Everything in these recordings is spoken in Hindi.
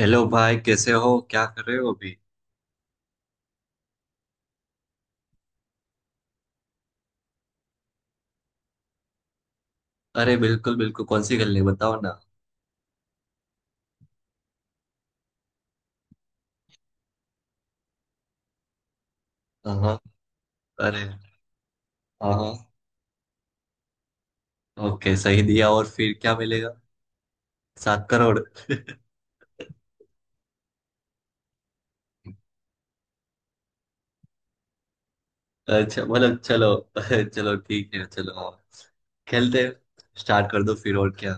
हेलो भाई, कैसे हो? क्या कर रहे हो अभी? अरे बिल्कुल बिल्कुल, कौन सी खेलनी है? बताओ ना। हाँ हाँ। अरे। हाँ हाँ। ओके, सही दिया और फिर क्या मिलेगा? 7 करोड़। अच्छा मतलब चलो। चलो ठीक है, चलो हाँ। खेलते हैं। स्टार्ट कर दो फिर, और क्या।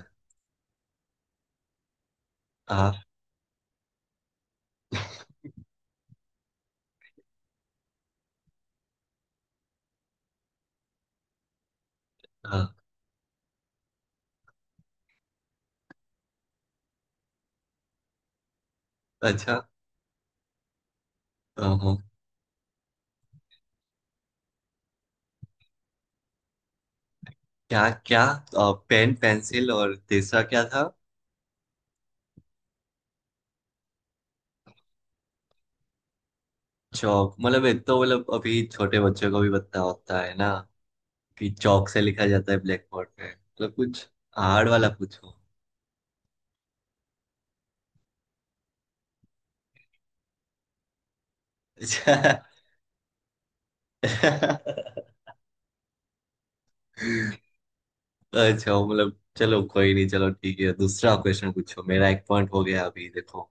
हाँ हाँ। अच्छा। हाँ हाँ। क्या क्या? पेन, पेंसिल और तीसरा क्या था? चौक? मतलब ये तो, मतलब अभी छोटे बच्चों को भी पता होता है ना कि चौक से लिखा जाता है ब्लैक बोर्ड पे। मतलब कुछ हार्ड वाला पूछो। अच्छा। अच्छा। मतलब चलो, कोई नहीं, चलो ठीक है, दूसरा क्वेश्चन पूछो। मेरा एक पॉइंट हो गया अभी, देखो।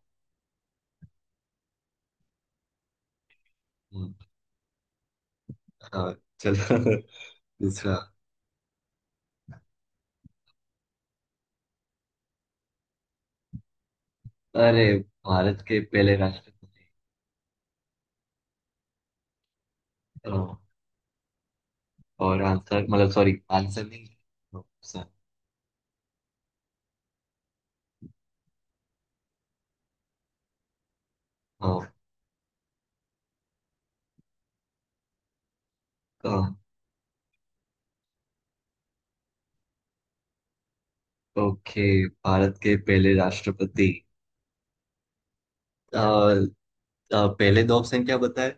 हम्म। हाँ। चलो। दूसरा। अरे। भारत के पहले राष्ट्रपति। हाँ। और आंसर मतलब, सॉरी, आंसर नहीं। हाँ सर। हाँ हाँ। ओके, भारत के पहले राष्ट्रपति। अ, अ, पहले दो ऑप्शन क्या बताए?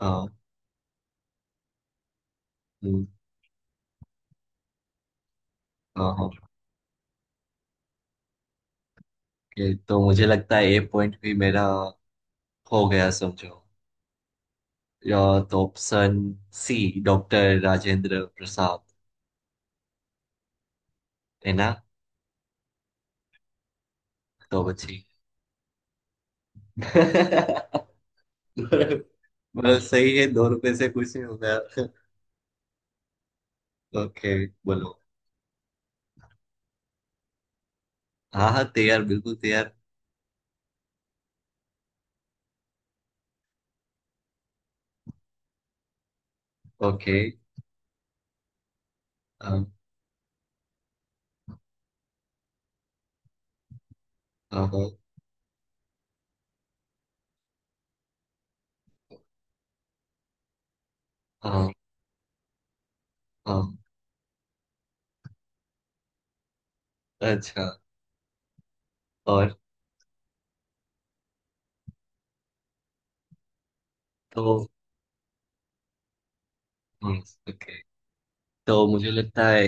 हाँ। हम्म। हाँ हाँ। ये तो मुझे लगता है ए पॉइंट भी मेरा हो गया समझो। या तो option C doctor Rajendra Prasad, है ना? तो बची। मतलब सही है, 2 रुपए से कुछ नहीं होगा। ओके। बोलो। हाँ हाँ, तैयार, बिल्कुल तैयार। ओके। अम, अम, अम, अम, अच्छा। और। तो। हम्म। ओके। तो मुझे लगता है।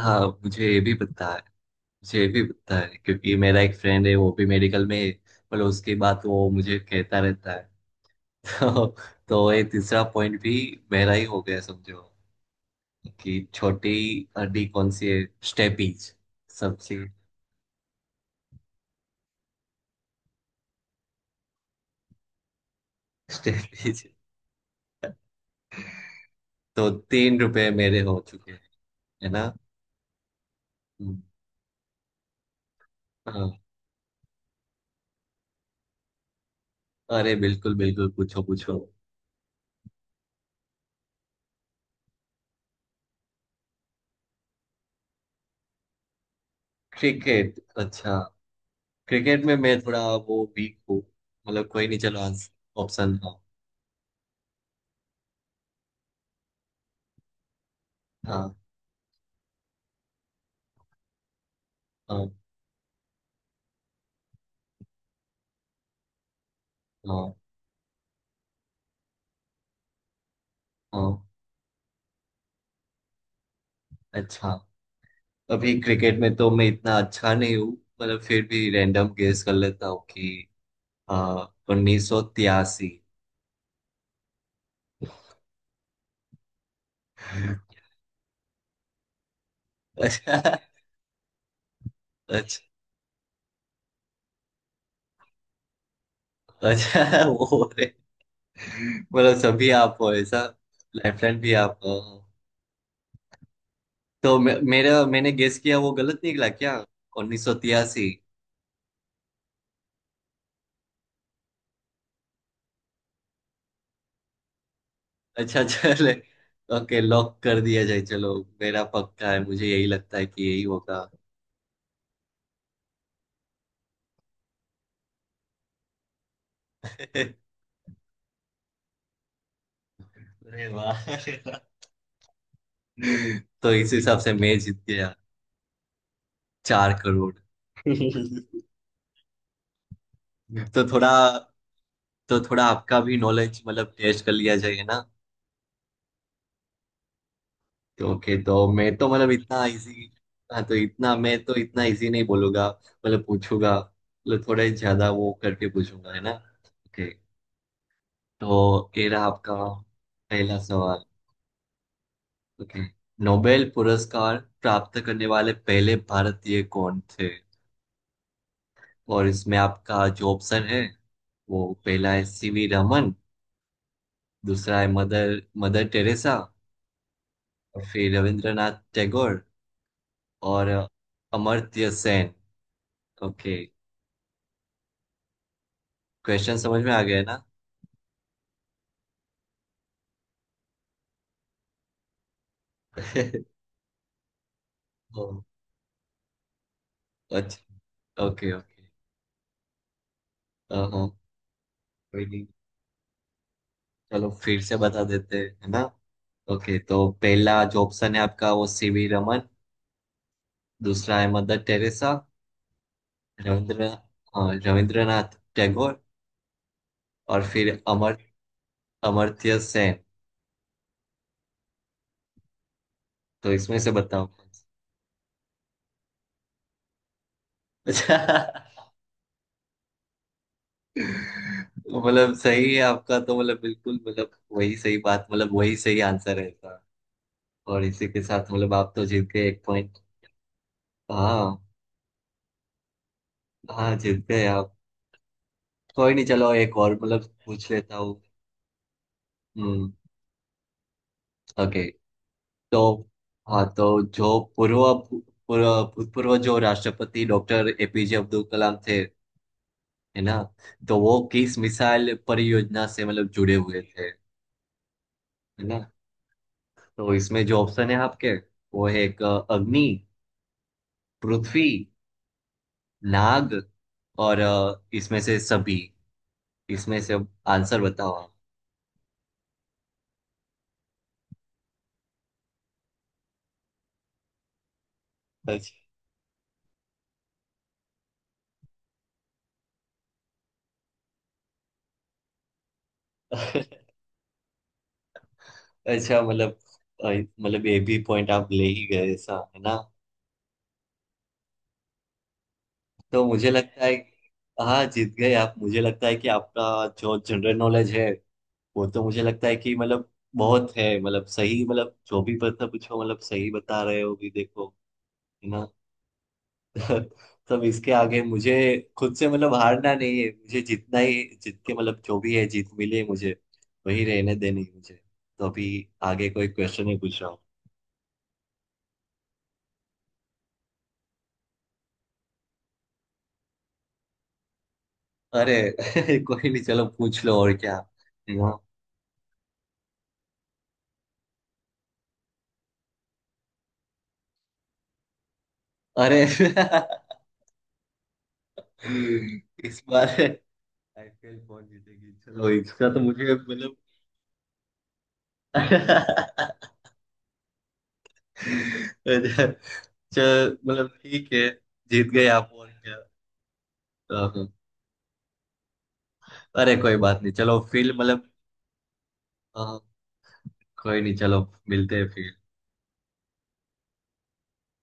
हाँ, मुझे ये भी पता है। मुझे भी पता है क्योंकि मेरा एक फ्रेंड है, वो भी मेडिकल में है। पर उसकी बात वो मुझे कहता रहता है। तो, तो ये तीसरा पॉइंट भी मेरा ही हो गया समझो। कि छोटी हड्डी कौन सी है? स्टेपीज। सबसे। स्टेपीज। तो 3 रुपए मेरे हो चुके हैं, है ना? हम्म। हाँ। अरे बिल्कुल बिल्कुल, पूछो पूछो। क्रिकेट, अच्छा। क्रिकेट में मैं थोड़ा वो वीक हूँ। मतलब कोई नहीं, चलो आंसर ऑप्शन, हाँ। हाँ। हाँ। हाँ। हाँ। अच्छा। अभी क्रिकेट में तो मैं इतना अच्छा नहीं हूँ। मतलब फिर भी रैंडम गेस कर लेता हूँ कि हाँ, 1983। अच्छा। अच्छा। अच्छा, वो रे। मतलब सभी आप हो ऐसा? लाइफलाइन भी आप हो। तो मेरा, मैंने गेस किया वो गलत निकला क्या? 1983। अच्छा चले। ओके, लॉक कर दिया जाए, चलो। मेरा पक्का है, मुझे यही लगता है कि यही होगा। अरे। वाह। तो इस हिसाब से मैं जीत गया 4 करोड़। तो थोड़ा तो थोड़ा आपका भी नॉलेज, मतलब, टेस्ट कर लिया जाएगा ना? तो ओके, तो मैं तो, मतलब, इतना इजी। हाँ, तो इतना मैं, तो इतना इजी नहीं बोलूंगा। मतलब पूछूंगा, मतलब थोड़े ज्यादा वो करके पूछूंगा, है ना? ओके। तो ये रहा आपका पहला सवाल। ओके। नोबेल पुरस्कार प्राप्त करने वाले पहले भारतीय कौन थे? और इसमें आपका जो ऑप्शन है, वो पहला है सीवी रमन। दूसरा है मदर मदर टेरेसा। और फिर रविंद्रनाथ टैगोर। और अमर्त्य सेन। ओके। क्वेश्चन समझ में आ गया ना? ओ, अच्छा। Okay okay. हाँ, कोई नहीं, चलो फिर से बता देते हैं, है ना? ओके, तो पहला जो ऑप्शन है आपका, वो सीवी रमन। दूसरा है मदर टेरेसा। रविंद्र हाँ, रविंद्रनाथ टैगोर। और फिर अमर्त्य सेन। तो इसमें से बताओ। अच्छा, तो मतलब सही है आपका, तो मतलब बिल्कुल, मतलब वही सही बात, मतलब वही सही आंसर है इसका। और इसी के साथ मतलब आप तो जीत गए एक पॉइंट। हाँ। हाँ, जीत गए आप। कोई नहीं, चलो एक और मतलब पूछ लेता हूँ। हम्म। ओके। तो, हाँ, तो जो पूर्व पूर्व भूतपूर्व जो राष्ट्रपति डॉक्टर एपीजे अब्दुल कलाम थे, है ना? तो वो किस मिसाइल परियोजना से मतलब जुड़े हुए थे, है ना? तो इसमें जो ऑप्शन है आपके, वो है एक, अग्नि, पृथ्वी, नाग, और इसमें से सभी। इसमें से अब आंसर बताओ आप। अच्छा। अच्छा, मतलब अ, ये भी पॉइंट आप ले ही गए ऐसा, है ना? तो मुझे लगता है, हाँ, जीत गए आप। मुझे लगता है कि आपका जो जनरल नॉलेज है, वो तो मुझे लगता है कि, मतलब, बहुत है। मतलब सही, मतलब जो भी पता पूछो, मतलब सही बता रहे हो भी, देखो, है ना? तब इसके आगे मुझे खुद से मतलब हारना नहीं है मुझे। जितना ही जीत के, मतलब, जो भी है जीत मिले मुझे, वही रहने देनी है मुझे। तो अभी आगे कोई क्वेश्चन ही पूछ रहा हूँ। अरे। कोई नहीं, चलो पूछ लो और क्या। हाँ। अरे। इस बार आईपीएल कौन जीतेगी? चलो इसका तो मुझे, मतलब। चल, मतलब ठीक है। जीत गए आप और क्या। हाँ हाँ। अरे कोई बात नहीं, चलो फिर मतलब। हाँ। कोई नहीं, चलो मिलते हैं फिर।